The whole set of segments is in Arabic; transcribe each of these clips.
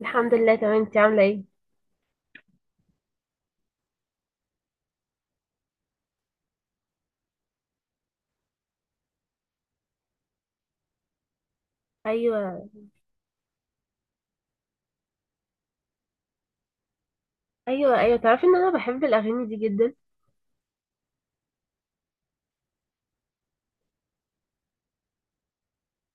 الحمد لله، تمام. انت عامله ايه؟ ايوه، ايوه، ايوه، تعرفي ان انا بحب الاغاني دي جدا.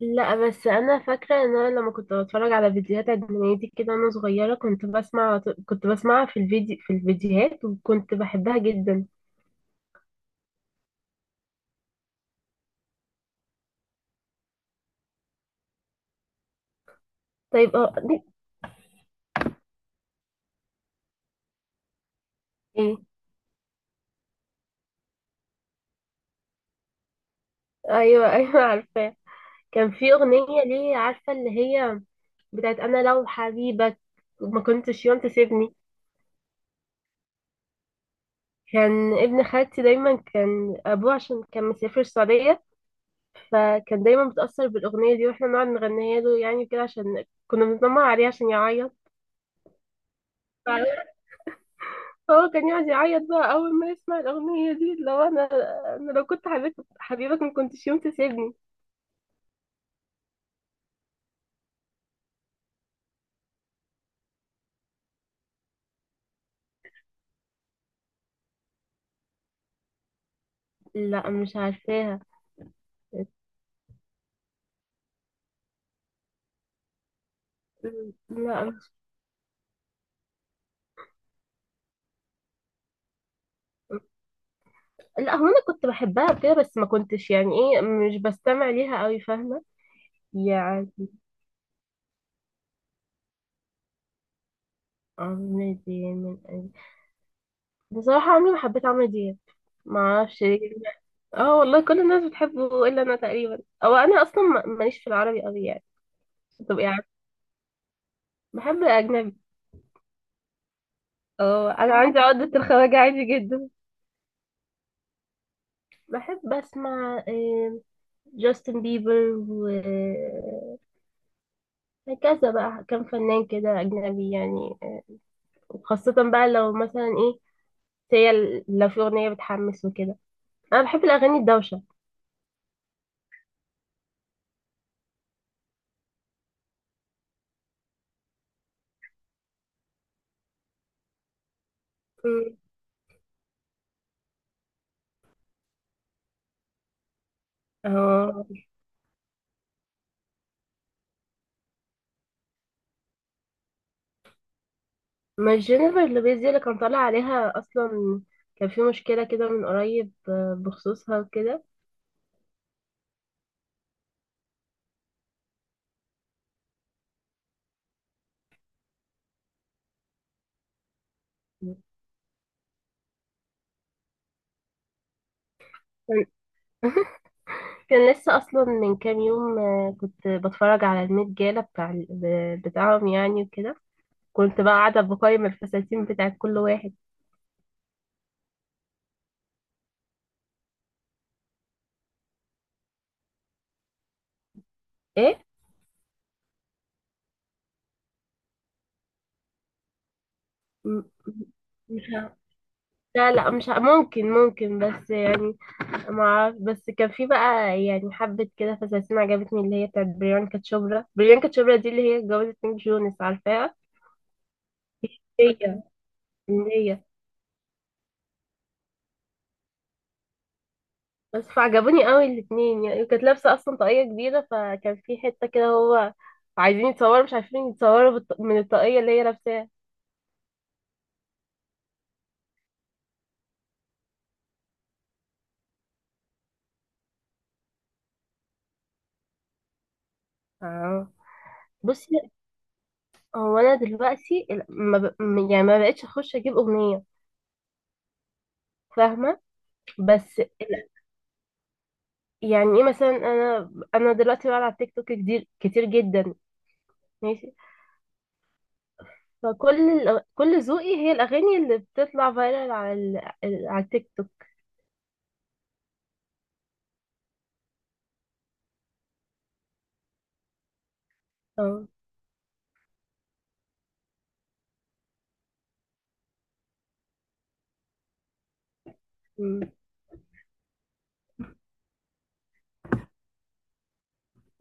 لا، بس انا فاكره ان انا لما كنت بتفرج على فيديوهات اجنبيه كده وانا صغيره كنت بسمعها في الفيديوهات وكنت بحبها جدا. طيب، دي- ايه. ايوه. ايوه، عارفاه. كان في اغنيه، ليه، عارفه اللي هي بتاعت انا لو حبيبك ما كنتش يوم تسيبني. كان ابن خالتي دايما، كان ابوه عشان كان مسافر السعوديه. فكان دايما بتأثر بالأغنية دي، واحنا نقعد نغنيها له يعني كده عشان كنا بنتنمر عليه عشان يعيط. فهو كان يقعد يعيط بقى أول ما يسمع الأغنية دي. لو أنا أنا لو كنت حبيبك حبيبك ما كنتش يوم تسيبني. لا، مش عارفاها. لا، مش. لا، هو أنا كنت بحبها كده بس ما كنتش، يعني إيه، مش بستمع ليها أوي. فاهمة؟ يعني. عمرو دياب من قلبي. بصراحة عمري ما حبيت عمرو دياب. ما أعرفش ليه. اه، والله كل الناس بتحبه الا انا تقريبا. او انا اصلا ماليش في العربي قوي يعني. تبقى عارف؟ بحب اجنبي. اه، انا عندي عقدة الخواجة عادي جدا. بحب اسمع جاستن بيبر وهكذا. بقى كم فنان كده اجنبي يعني. وخاصة بقى لو مثلا ايه، هي لو في اغنية بتحمس وكده. انا بحب الاغاني الدوشة. مم. اه. مش جينيفر لوبيز دي اللي كان طالع عليها اصلا؟ كان في مشكلة كده من قريب بخصوصها وكده. كان كان لسه اصلا من كام يوم، كنت بتفرج على الميت جالا بتاع بتاعهم يعني وكده. كنت بقى قاعده بقيم الفساتين بتاعت كل واحد. ايه. م- مش ه- لا، لا، مش ه- ممكن بس يعني. ما اعرف، بس كان في بقى يعني حبه كده فساتين عجبتني اللي هي بتاعت بريانكا تشوبرا دي اللي هي اتجوزت نيك جونس، عارفاها؟ هي هي بس فعجبوني قوي الاتنين، يعني كانت لابسة اصلا طاقية كبيرة فكان في حتة كده هو عايزين يتصوروا، مش عارفين يتصوروا من الطاقية اللي هي لابساها. اه. بصي. هو انا دلوقتي ال- ما ب... م- يعني ما بقتش اخش اجيب اغنية. فاهمة؟ بس يعني ايه مثلا، انا دلوقتي بقعد على التيك توك كتير كتير جدا. ماشي. فكل الأغ- كل ذوقي هي الاغاني اللي بتطلع فايرال على ال... على التيك توك.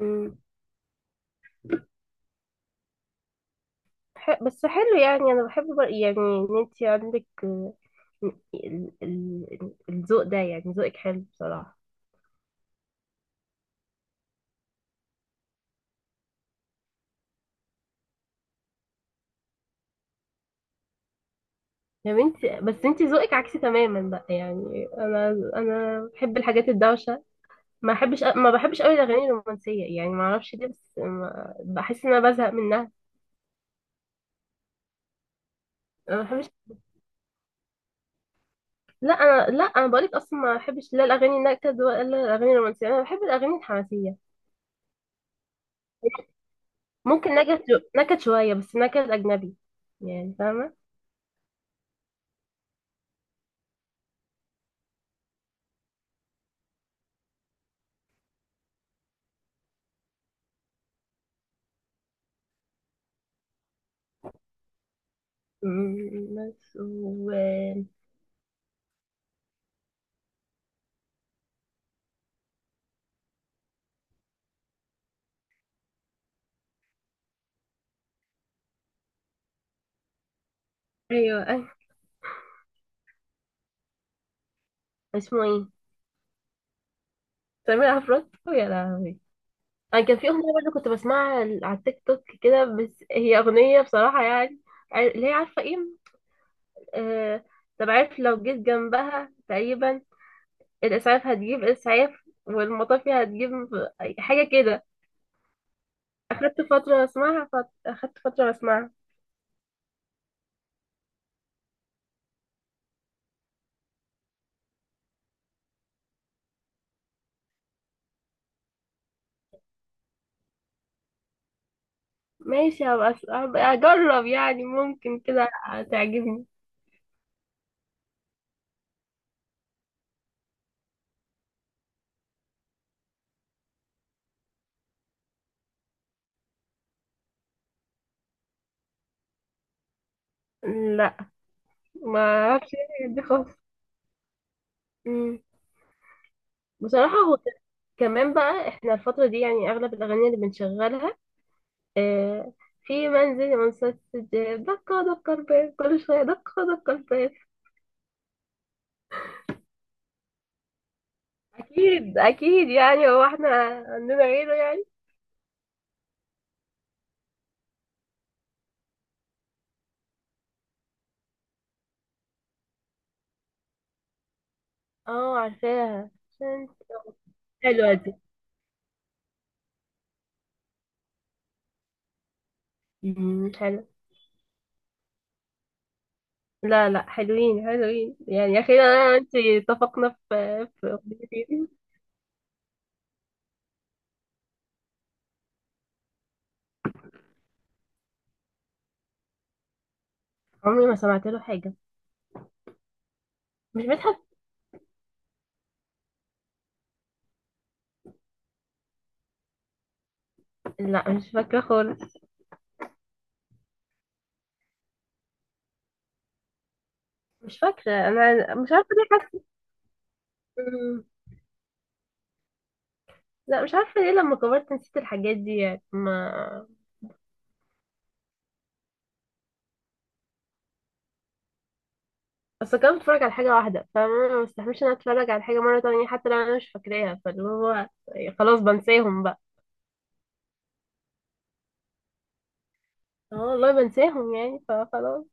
اه. ح- بس حلو، يعني انا بحب يعني ان انت عندك الذوق ده يعني ذوقك حلو بصراحة. يا بنتي، بس انت ذوقك عكسي تماما بقى، يعني انا بحب الحاجات الدوشة. ما بحبش قوي الاغاني الرومانسية، يعني ما اعرفش ليه بس بحس ان انا بزهق منها. أنا ما بحبش. لا انا بقولك اصلا ما بحبش لا الاغاني النكد ولا الاغاني الرومانسية. انا بحب الاغاني الحماسية. ممكن نكد، نكد شوية بس نكد اجنبي، يعني فاهمة؟ مم، بس و. ايوه، أيوة. اسمه ايه؟ سمير عفروت، يا لهوي. انا كان في اغنيه برضه كنت بسمعها على التيك توك كده، بس هي اغنيه بصراحه يعني، اللي هي، عارفه ايه؟ آه... طب، عارف لو جيت جنبها تقريبا الاسعاف هتجيب اسعاف، والمطافي هتجيب حاجه كده. اخدت فتره اسمعها ماشي، هبقى اجرب يعني، ممكن كده تعجبني. لا، ما اعرفش إيه دي خالص. بصراحة هو كمان بقى، احنا الفترة دي يعني اغلب الاغاني اللي بنشغلها آه في منزل مسدس، دقة دقة الباب كل شوية دقة دقة الباب. اكيد اكيد، يعني هو احنا عندنا غيره يعني. اه. عارفاها عشان حلوة دي. مم، حلو. لا، لا، حلوين حلوين، يعني اخيرا انا وانت اتفقنا في اغنيتين. عمري ما سمعت له حاجة. مش مدحت؟ لا، مش فاكرة خالص. مش فاكرة، انا مش عارفة ليه. حاسة. لا، مش عارفة ليه، لما كبرت نسيت الحاجات دي يعني، ما اصل كنت بتفرج على حاجة واحدة فما مستحملش ان أنا اتفرج على حاجة مرة تانية حتى لو انا مش فاكراها، فاللي هو خلاص بنساهم بقى. اه، والله بنساهم يعني فخلاص.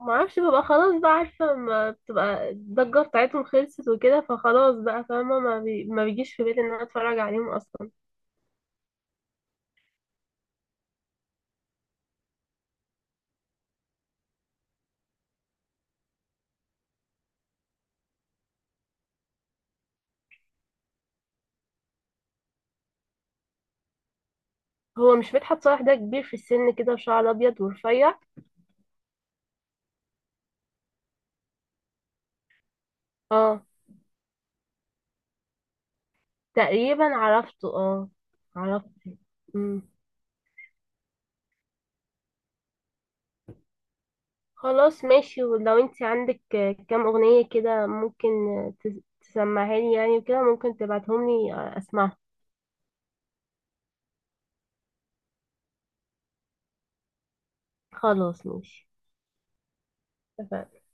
ما اعرفش، ببقى خلاص بقى عارفة ما بتبقى الضجة بتاعتهم خلصت وكده، فخلاص بقى فاهمة، ما بيجيش في بالي ان انا اتفرج عليهم اصلا. هو مش مدحت صالح ده كبير في السن كده وشعر ابيض ورفيع؟ اه. تقريبا عرفته، اه. عرفته. خلاص، ماشي. ولو انت عندك كام اغنية كده، ممكن تسمعها لي يعني وكده، ممكن تبعتهم لي اسمعها. خلاص، ماشي. اتفقنا.